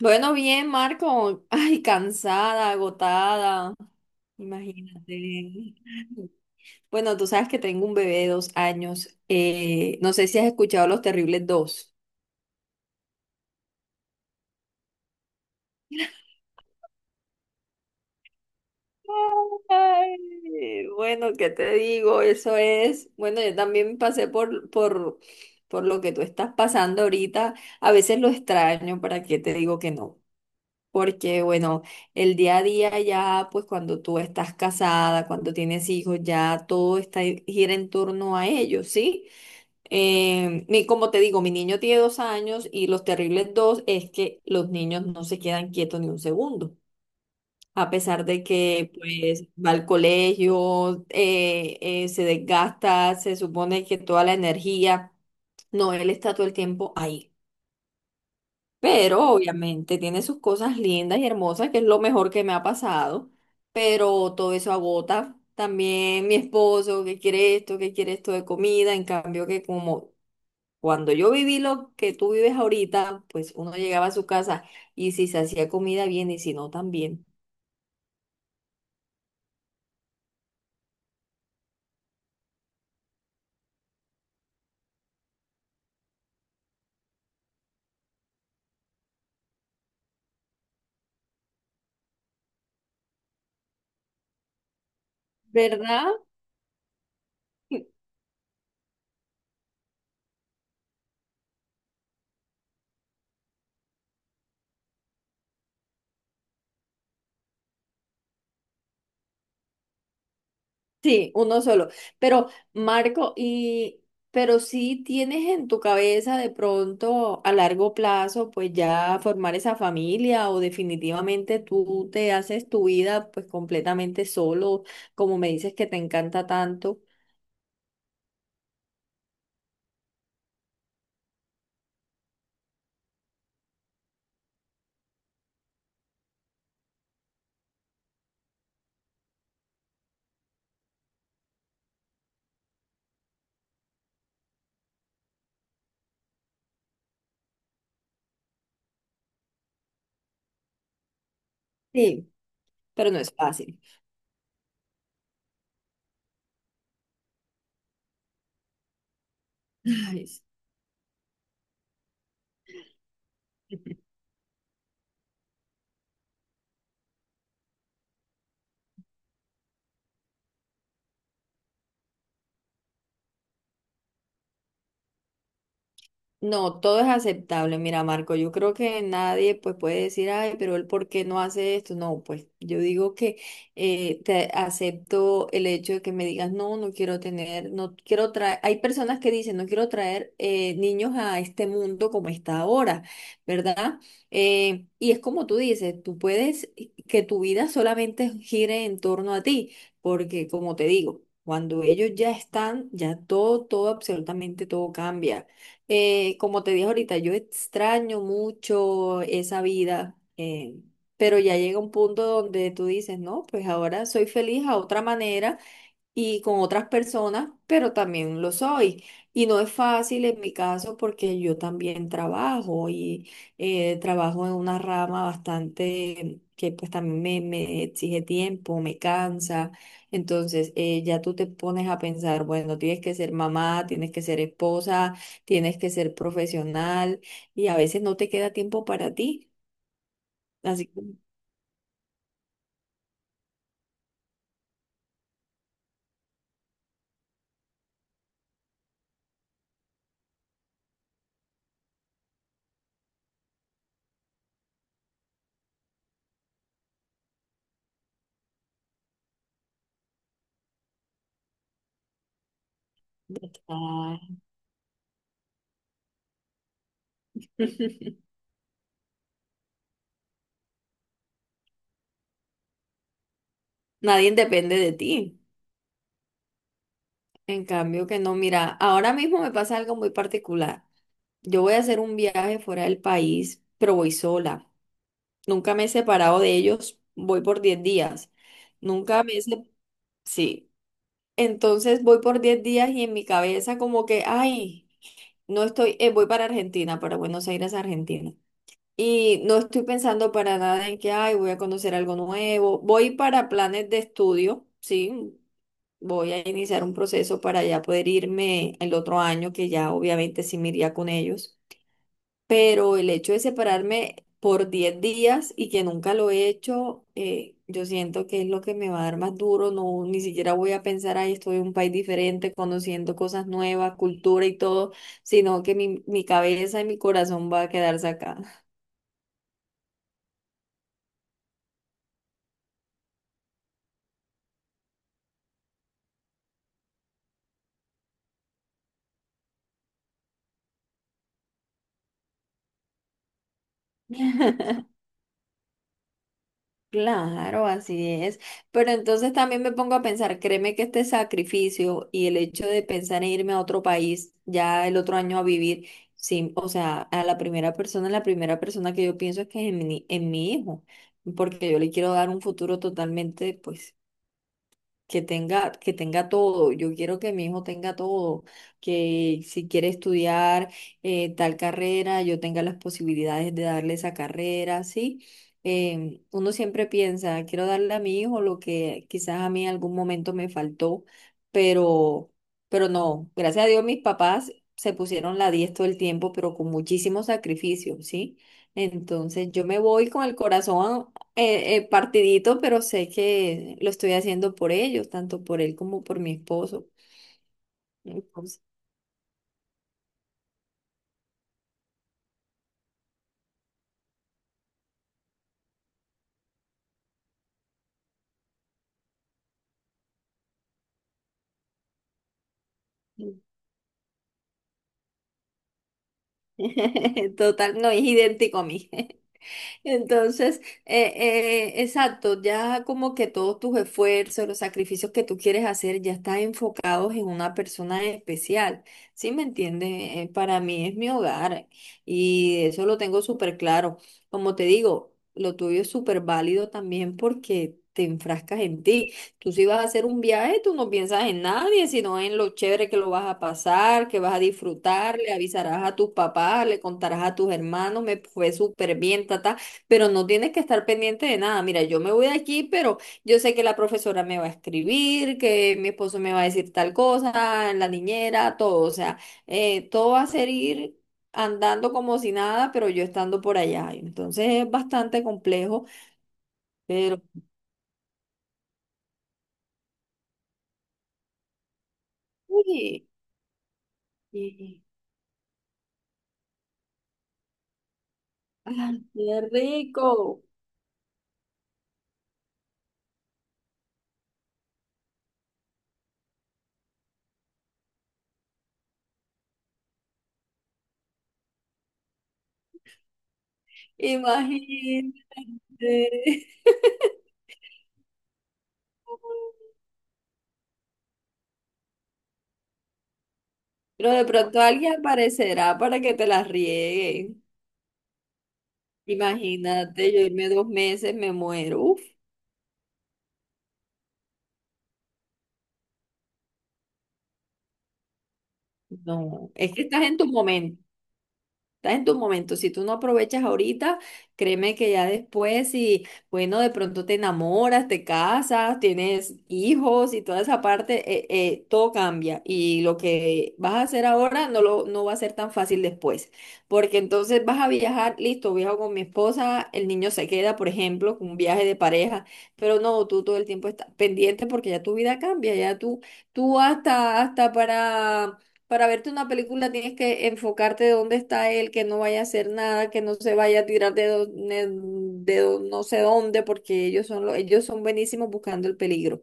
Bueno, bien, Marco. Ay, cansada, agotada. Imagínate. Bueno, tú sabes que tengo un bebé de 2 años. No sé si has escuchado Los Terribles dos. Ay, bueno, ¿qué te digo? Eso es. Bueno, yo también pasé por lo que tú estás pasando ahorita. A veces lo extraño, ¿para qué te digo que no? Porque, bueno, el día a día ya, pues cuando tú estás casada, cuando tienes hijos, ya gira en torno a ellos, ¿sí? Como te digo, mi niño tiene 2 años y los terribles dos es que los niños no se quedan quietos ni un segundo. A pesar de que, pues, va al colegio, se desgasta, se supone que toda la energía, no, él está todo el tiempo ahí. Pero obviamente tiene sus cosas lindas y hermosas, que es lo mejor que me ha pasado. Pero todo eso agota. También mi esposo que quiere esto de comida. En cambio que como cuando yo viví lo que tú vives ahorita, pues uno llegaba a su casa y si se hacía comida bien y si no también. ¿Verdad? Sí, uno solo. Pero, Marco, y pero si tienes en tu cabeza de pronto a largo plazo, pues ya formar esa familia o definitivamente tú te haces tu vida pues completamente solo, como me dices que te encanta tanto. Sí, pero no es fácil. Ay, sí. No, todo es aceptable. Mira, Marco, yo creo que nadie pues puede decir, ay, pero él por qué no hace esto. No, pues yo digo que te acepto el hecho de que me digas, no, no quiero tener, no quiero traer. Hay personas que dicen, no quiero traer niños a este mundo como está ahora, ¿verdad? Y es como tú dices, tú puedes que tu vida solamente gire en torno a ti, porque como te digo, cuando ellos ya están, ya todo, todo, absolutamente todo cambia. Como te dije ahorita, yo extraño mucho esa vida, pero ya llega un punto donde tú dices, no, pues ahora soy feliz a otra manera y con otras personas, pero también lo soy. Y no es fácil en mi caso porque yo también trabajo y trabajo en una rama bastante que pues también me exige tiempo, me cansa. Entonces ya tú te pones a pensar, bueno, tienes que ser mamá, tienes que ser esposa, tienes que ser profesional y a veces no te queda tiempo para ti. Así que ah, nadie depende de ti. En cambio que no, mira, ahora mismo me pasa algo muy particular. Yo voy a hacer un viaje fuera del país, pero voy sola. Nunca me he separado de ellos, voy por 10 días. Nunca me he se- Sí. Entonces voy por 10 días y en mi cabeza como que, ay, no estoy, voy para Argentina, para Buenos Aires, Argentina. Y no estoy pensando para nada en que, ay, voy a conocer algo nuevo. Voy para planes de estudio, sí, voy a iniciar un proceso para ya poder irme el otro año, que ya obviamente sí me iría con ellos. Pero el hecho de separarme por 10 días y que nunca lo he hecho, yo siento que es lo que me va a dar más duro. No, ni siquiera voy a pensar, ahí estoy en un país diferente, conociendo cosas nuevas, cultura y todo, sino que mi cabeza y mi corazón va a quedarse acá. Claro, así es. Pero entonces también me pongo a pensar, créeme que este sacrificio y el hecho de pensar en irme a otro país ya el otro año a vivir, sí, o sea, a la primera persona que yo pienso es que es en mi hijo, porque yo le quiero dar un futuro totalmente, pues, que tenga todo. Yo quiero que mi hijo tenga todo, que si quiere estudiar tal carrera, yo tenga las posibilidades de darle esa carrera, ¿sí? Uno siempre piensa, quiero darle a mi hijo lo que quizás a mí en algún momento me faltó, pero, no, gracias a Dios mis papás se pusieron la 10 todo el tiempo, pero con muchísimo sacrificio, ¿sí? Entonces yo me voy con el corazón partidito, pero sé que lo estoy haciendo por ellos, tanto por él como por mi esposo. Entonces, total, no es idéntico a mí. Entonces, exacto, ya como que todos tus esfuerzos, los sacrificios que tú quieres hacer ya están enfocados en una persona especial, ¿sí me entiendes? Para mí es mi hogar y eso lo tengo súper claro. Como te digo, lo tuyo es súper válido también porque te enfrascas en ti. Tú si vas a hacer un viaje, tú no piensas en nadie, sino en lo chévere que lo vas a pasar, que vas a disfrutar, le avisarás a tus papás, le contarás a tus hermanos, me fue súper bien, tata pero no tienes que estar pendiente de nada. Mira, yo me voy de aquí, pero yo sé que la profesora me va a escribir, que mi esposo me va a decir tal cosa, la niñera, todo. O sea, todo va a ser ir andando como si nada, pero yo estando por allá. Entonces es bastante complejo, pero uy, y- ay, qué rico. Imagínate. Pero de pronto alguien aparecerá para que te las riegue. Imagínate, yo irme 2 meses, me muero. No, es que estás en tu momento, estás en tu momento. Si tú no aprovechas ahorita, créeme que ya después, si, bueno, de pronto te enamoras, te casas, tienes hijos y toda esa parte, todo cambia. Y lo que vas a hacer ahora no va a ser tan fácil después. Porque entonces vas a viajar, listo, viajo con mi esposa, el niño se queda, por ejemplo, con un viaje de pareja, pero no, tú todo el tiempo estás pendiente porque ya tu vida cambia, ya tú hasta para verte una película tienes que enfocarte dónde está él, que no vaya a hacer nada, que no se vaya a tirar de, do- ne- de do- no sé dónde, porque ellos son buenísimos buscando el peligro.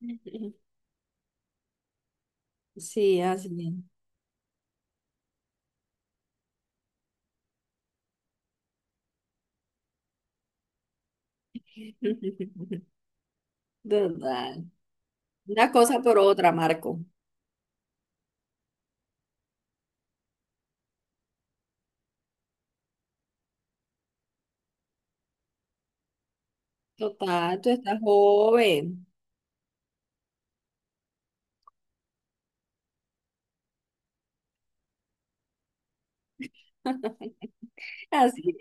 Sí, así es. Total. Una cosa por otra, Marco. Total, tú estás joven. Así.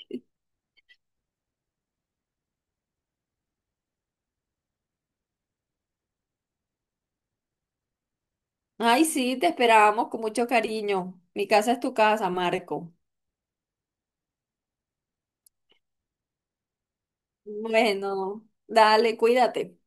Ay, sí, te esperábamos con mucho cariño. Mi casa es tu casa, Marco. Bueno, dale, cuídate.